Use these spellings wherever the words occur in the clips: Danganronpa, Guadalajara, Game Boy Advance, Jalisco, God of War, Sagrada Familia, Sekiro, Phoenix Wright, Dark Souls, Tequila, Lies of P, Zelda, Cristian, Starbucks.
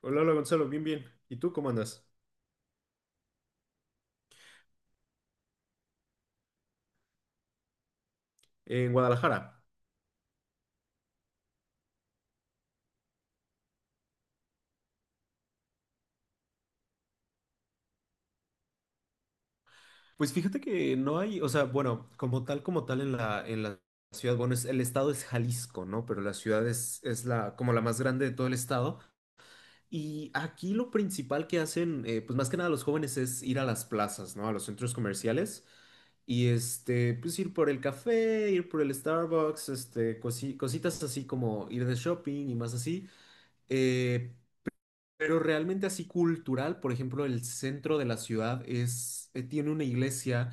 Hola, hola Gonzalo, bien, bien. ¿Y tú cómo andas? En Guadalajara. Pues fíjate que no hay, o sea, bueno, como tal en la ciudad, bueno, es, el estado es Jalisco, ¿no? Pero la ciudad es la, como la más grande de todo el estado. Y aquí lo principal que hacen, pues más que nada los jóvenes es ir a las plazas, ¿no? A los centros comerciales. Y este, pues ir por el café, ir por el Starbucks, este, cositas así como ir de shopping y más así. Eh, Pero realmente así cultural, por ejemplo, el centro de la ciudad es, tiene una iglesia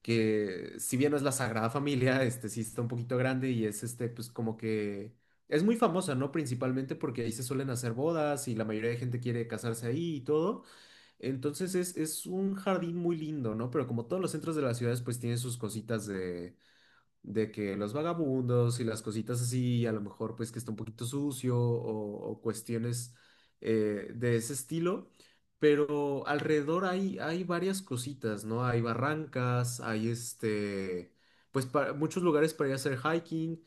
que, si bien no es la Sagrada Familia, este sí está un poquito grande y es este, pues como que es muy famosa, ¿no? Principalmente porque ahí se suelen hacer bodas y la mayoría de gente quiere casarse ahí y todo. Entonces es un jardín muy lindo, ¿no? Pero como todos los centros de las ciudades, pues tiene sus cositas de que los vagabundos y las cositas así, a lo mejor pues que está un poquito sucio o cuestiones de ese estilo, pero alrededor hay, hay varias cositas, ¿no? Hay barrancas, hay este, pues muchos lugares para ir a hacer hiking,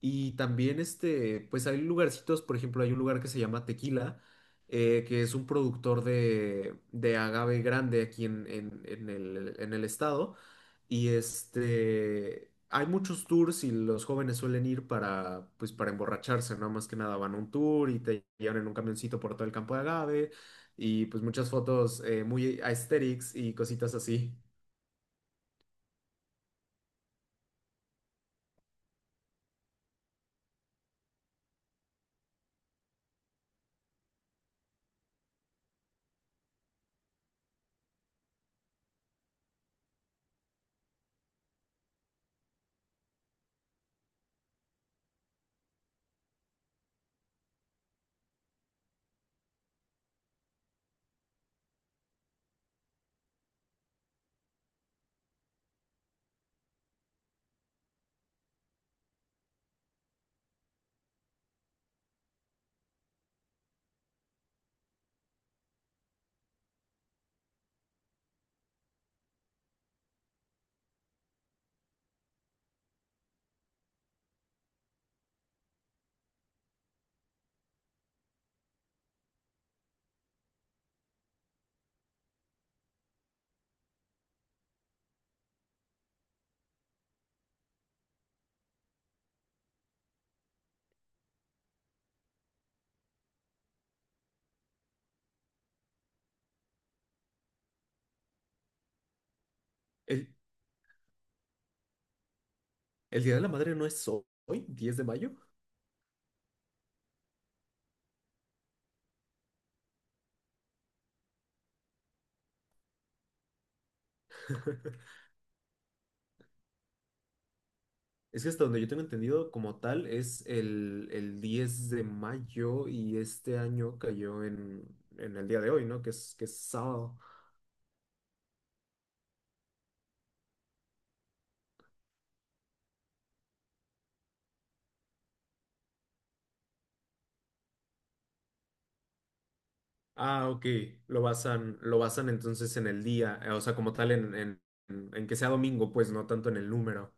y también, este, pues hay lugarcitos, por ejemplo, hay un lugar que se llama Tequila, que es un productor de agave grande aquí en, en el estado. Y este, hay muchos tours y los jóvenes suelen ir para, pues, para emborracharse, ¿no? Más que nada van a un tour y te llevan en un camioncito por todo el campo de agave y pues muchas fotos muy aesthetics y cositas así. ¿El, el Día de la Madre no es hoy, 10 de mayo? Es que hasta donde yo tengo entendido como tal es el 10 de mayo y este año cayó en el día de hoy, ¿no? Que es sábado. Ah, ok. Lo basan entonces en el día, o sea, como tal en que sea domingo, pues no tanto en el número.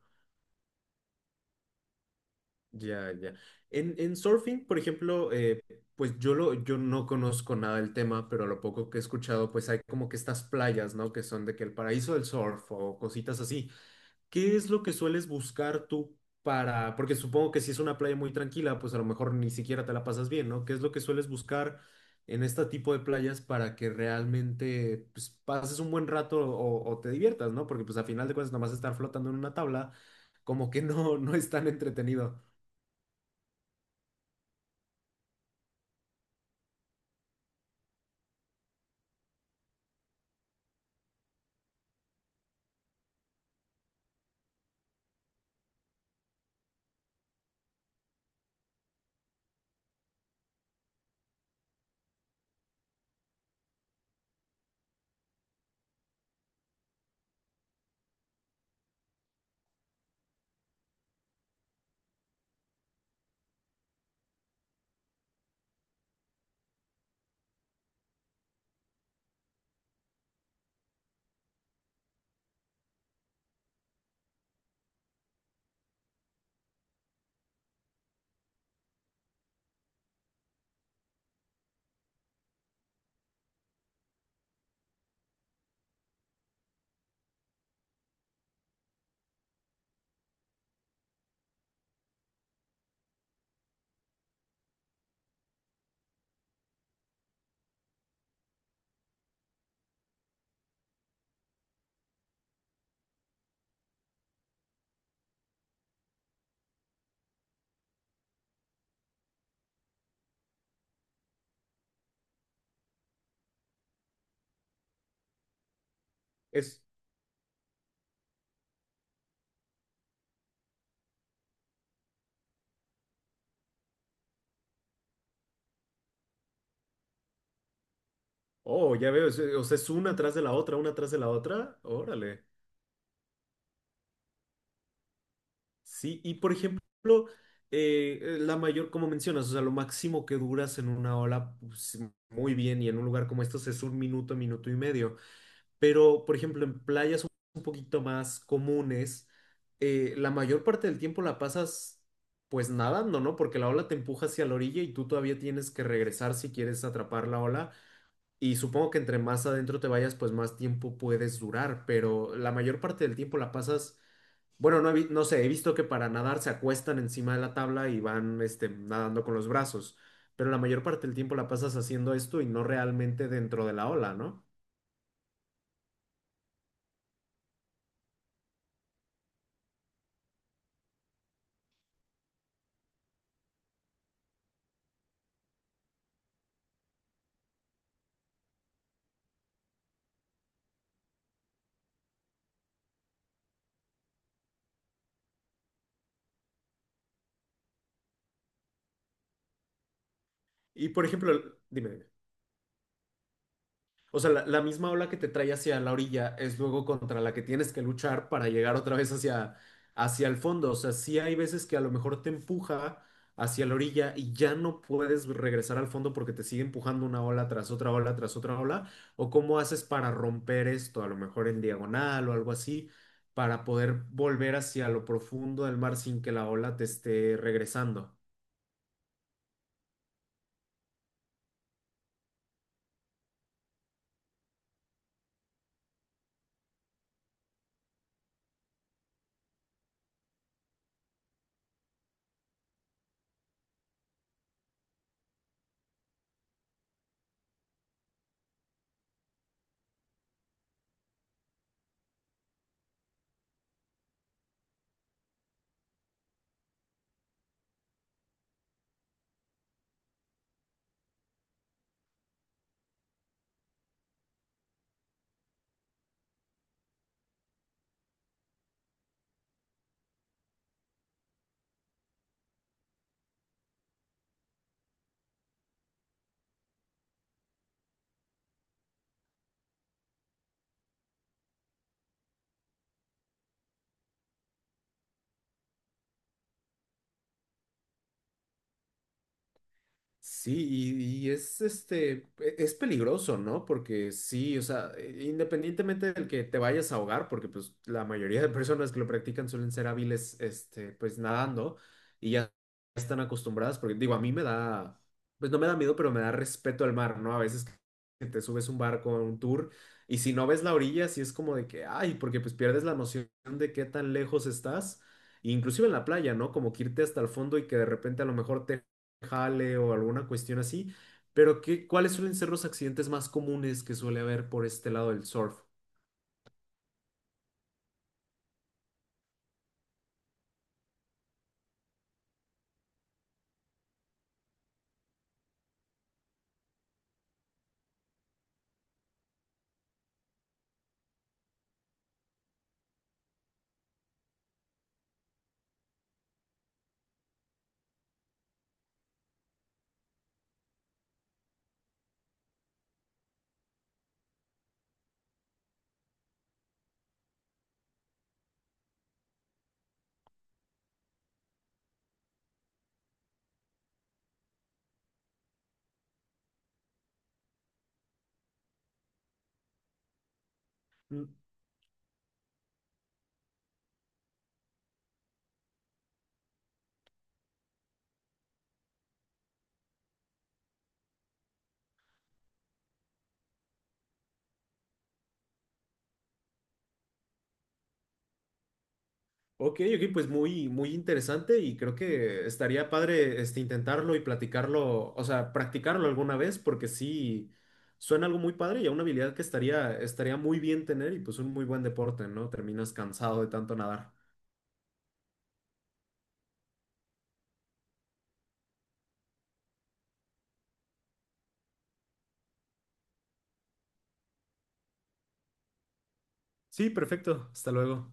Ya, ya. En surfing, por ejemplo, pues yo, lo, yo no conozco nada del tema, pero lo poco que he escuchado, pues hay como que estas playas, ¿no? Que son de que el paraíso del surf o cositas así. ¿Qué es lo que sueles buscar tú para, porque supongo que si es una playa muy tranquila, pues a lo mejor ni siquiera te la pasas bien, ¿no? ¿Qué es lo que sueles buscar en este tipo de playas para que realmente pues, pases un buen rato o te diviertas, ¿no? Porque pues a final de cuentas nomás estar flotando en una tabla como que no, no es tan entretenido. Es, oh, ya veo, o sea, es una atrás de la otra, una atrás de la otra, órale. Sí, y por ejemplo, la mayor, como mencionas, o sea, lo máximo que duras en una ola, pues, muy bien, y en un lugar como estos es un minuto, minuto y medio. Pero, por ejemplo, en playas un poquito más comunes, la mayor parte del tiempo la pasas pues nadando, ¿no? Porque la ola te empuja hacia la orilla y tú todavía tienes que regresar si quieres atrapar la ola. Y supongo que entre más adentro te vayas, pues más tiempo puedes durar, pero la mayor parte del tiempo la pasas bueno, no, no sé, he visto que para nadar se acuestan encima de la tabla y van este, nadando con los brazos, pero la mayor parte del tiempo la pasas haciendo esto y no realmente dentro de la ola, ¿no? Y por ejemplo, dime, o sea, la misma ola que te trae hacia la orilla es luego contra la que tienes que luchar para llegar otra vez hacia, hacia el fondo. O sea, sí hay veces que a lo mejor te empuja hacia la orilla y ya no puedes regresar al fondo porque te sigue empujando una ola tras otra ola tras otra ola. ¿O cómo haces para romper esto? A lo mejor en diagonal o algo así, para poder volver hacia lo profundo del mar sin que la ola te esté regresando. Sí, y es este, es peligroso, ¿no? Porque sí, o sea, independientemente del que te vayas a ahogar, porque pues la mayoría de personas que lo practican suelen ser hábiles, este, pues nadando y ya están acostumbradas, porque digo, a mí me da, pues no me da miedo, pero me da respeto al mar, ¿no? A veces que te subes un barco, a un tour, y si no ves la orilla, sí es como de que, ay, porque pues pierdes la noción de qué tan lejos estás, inclusive en la playa, ¿no? Como que irte hasta el fondo y que de repente a lo mejor te jale o alguna cuestión así, pero ¿qué, cuáles suelen ser los accidentes más comunes que suele haber por este lado del surf? Mm. Ok, ok, pues muy, muy interesante y creo que estaría padre este, intentarlo y platicarlo, o sea, practicarlo alguna vez porque sí suena algo muy padre y a una habilidad que estaría, estaría muy bien tener y pues un muy buen deporte, ¿no? Terminas cansado de tanto nadar. Sí, perfecto, hasta luego.